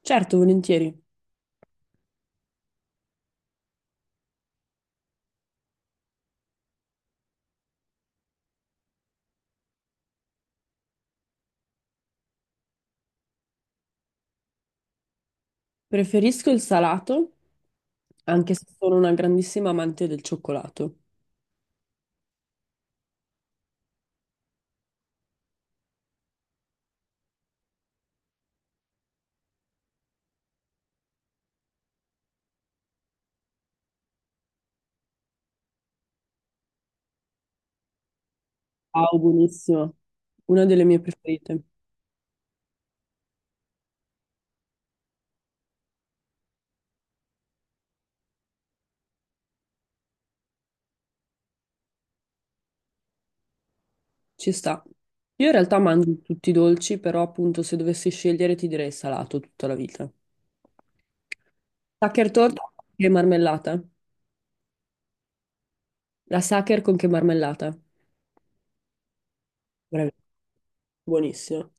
Certo, volentieri. Preferisco il salato, anche se sono una grandissima amante del cioccolato. Wow, buonissimo. Una delle mie preferite. Ci sta. Io in realtà mangio tutti i dolci, però appunto se dovessi scegliere ti direi salato tutta la vita. Sacher torta e marmellata. La sacher con che marmellata? Bravi. Buonissimo.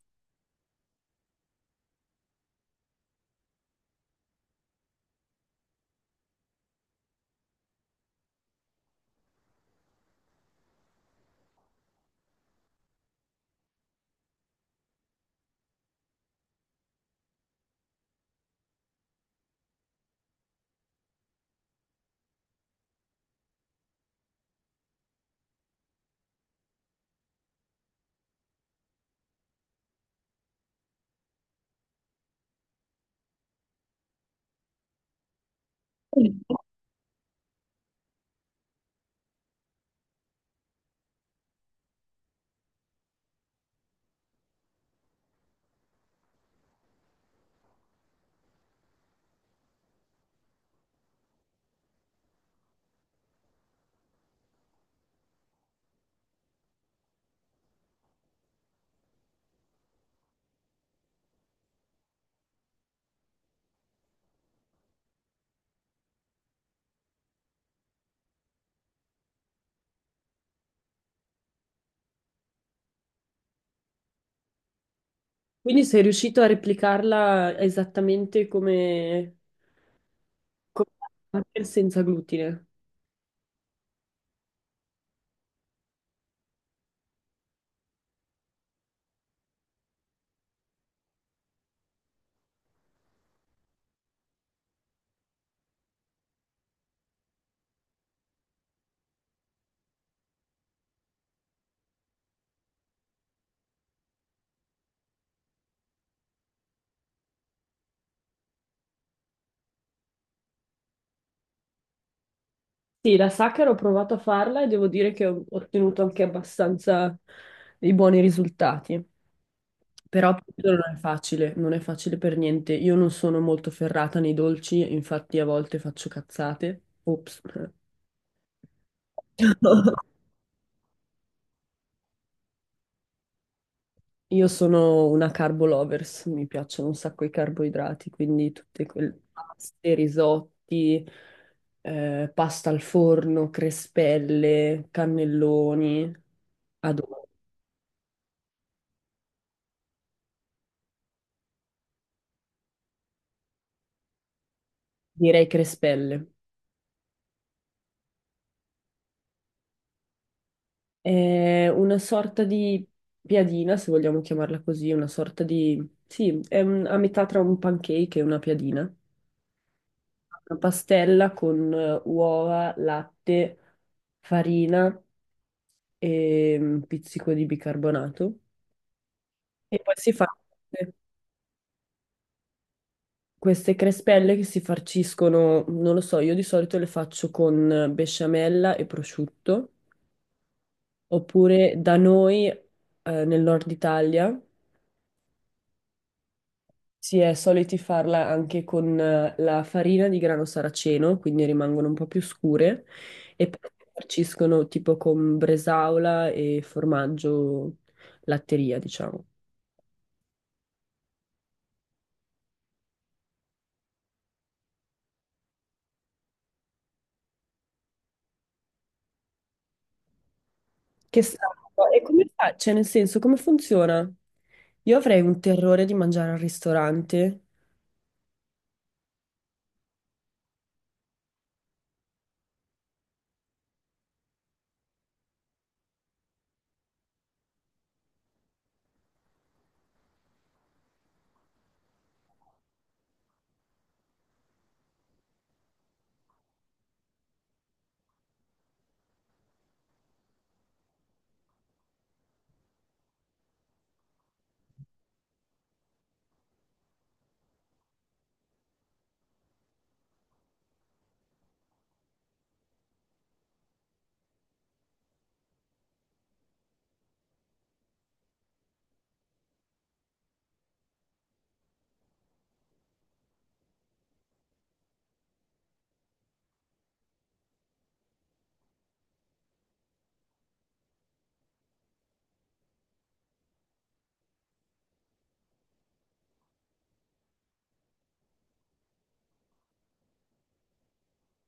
Quindi sei riuscito a replicarla esattamente come, come la Sacher senza glutine. Sì, la sacca ho provato a farla e devo dire che ho ottenuto anche abbastanza dei buoni risultati. Però appunto, non è facile, non è facile per niente. Io non sono molto ferrata nei dolci, infatti a volte faccio cazzate. Ops. Io sono una carbo lovers, mi piacciono un sacco i carboidrati, quindi tutte quelle paste, risotti, pasta al forno, crespelle, cannelloni. Adoro. Direi crespelle. È una sorta di piadina, se vogliamo chiamarla così, una sorta di... Sì, è un- a metà tra un pancake e una piadina. Una pastella con uova, latte, farina e un pizzico di bicarbonato. E poi si fa queste crespelle che si farciscono, non lo so, io di solito le faccio con besciamella e prosciutto, oppure da noi, nel nord Italia. Si è soliti farla anche con la farina di grano saraceno, quindi rimangono un po' più scure, e poi farciscono tipo con bresaola e formaggio latteria, diciamo. Che strano. E come fa? Cioè, nel senso, come funziona? Io avrei un terrore di mangiare al ristorante.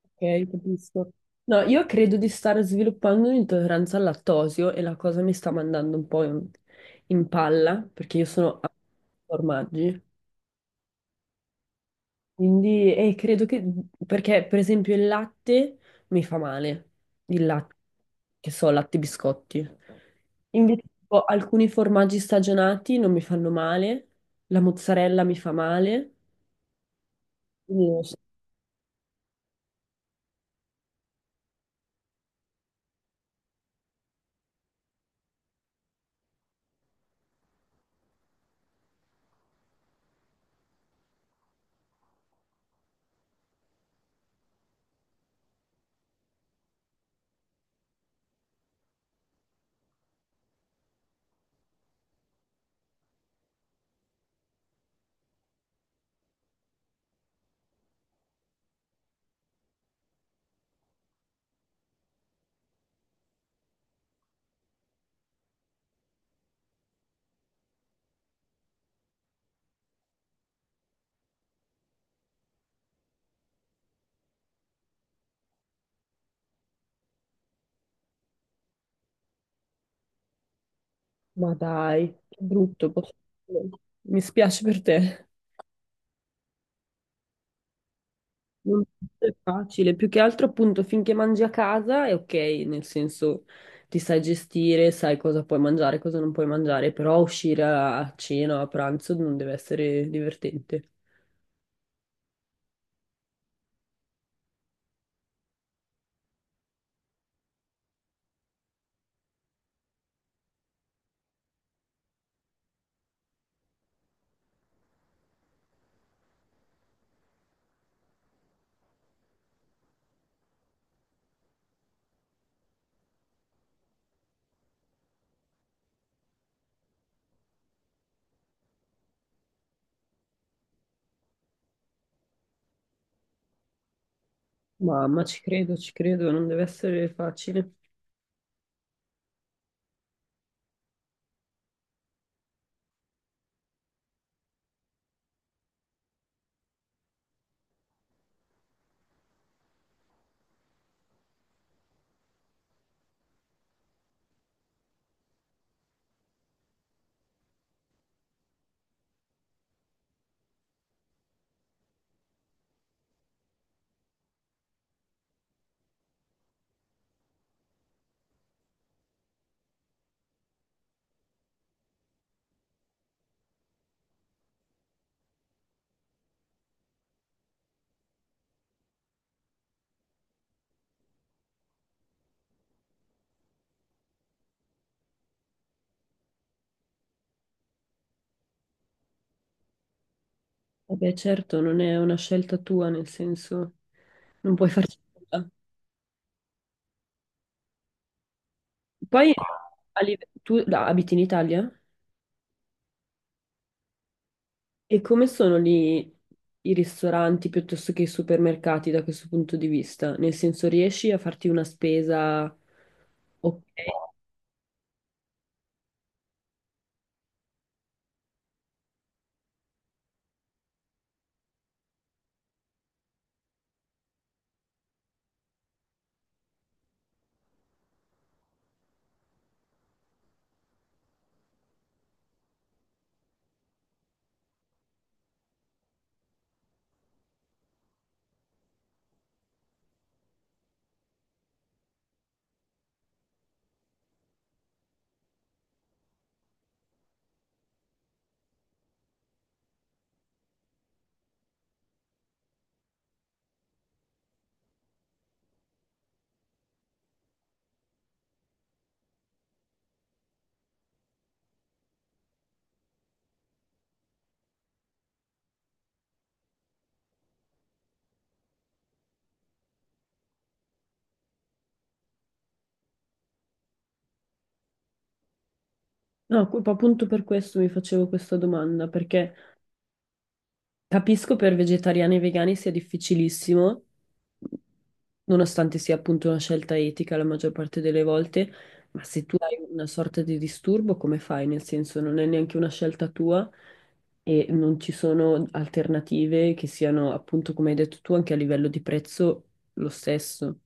Ok, capisco. No, io credo di stare sviluppando un'intolleranza al lattosio e la cosa mi sta mandando un po' in, in palla, perché io sono a formaggi. Quindi credo che, perché per esempio il latte mi fa male, il latte, che so, latte e biscotti. Invece tipo, alcuni formaggi stagionati non mi fanno male, la mozzarella mi fa male. Quindi, non so, ma dai, che brutto. Posso- Mi spiace per te. Non è facile, più che altro appunto finché mangi a casa è ok, nel senso ti sai gestire, sai cosa puoi mangiare, cosa non puoi mangiare, però uscire a cena, a pranzo non deve essere divertente. Mamma, ci credo, non deve essere facile. Vabbè, certo, non è una scelta tua, nel senso non puoi farci nulla. Poi a live- tu da- abiti in Italia? E come sono lì i ristoranti piuttosto che i supermercati da questo punto di vista? Nel senso, riesci a farti una spesa ok? No, appunto per questo mi facevo questa domanda, perché capisco per vegetariani e vegani sia difficilissimo, nonostante sia appunto una scelta etica la maggior parte delle volte, ma se tu hai una sorta di disturbo, come fai? Nel senso, non è neanche una scelta tua e non ci sono alternative che siano, appunto, come hai detto tu, anche a livello di prezzo lo stesso.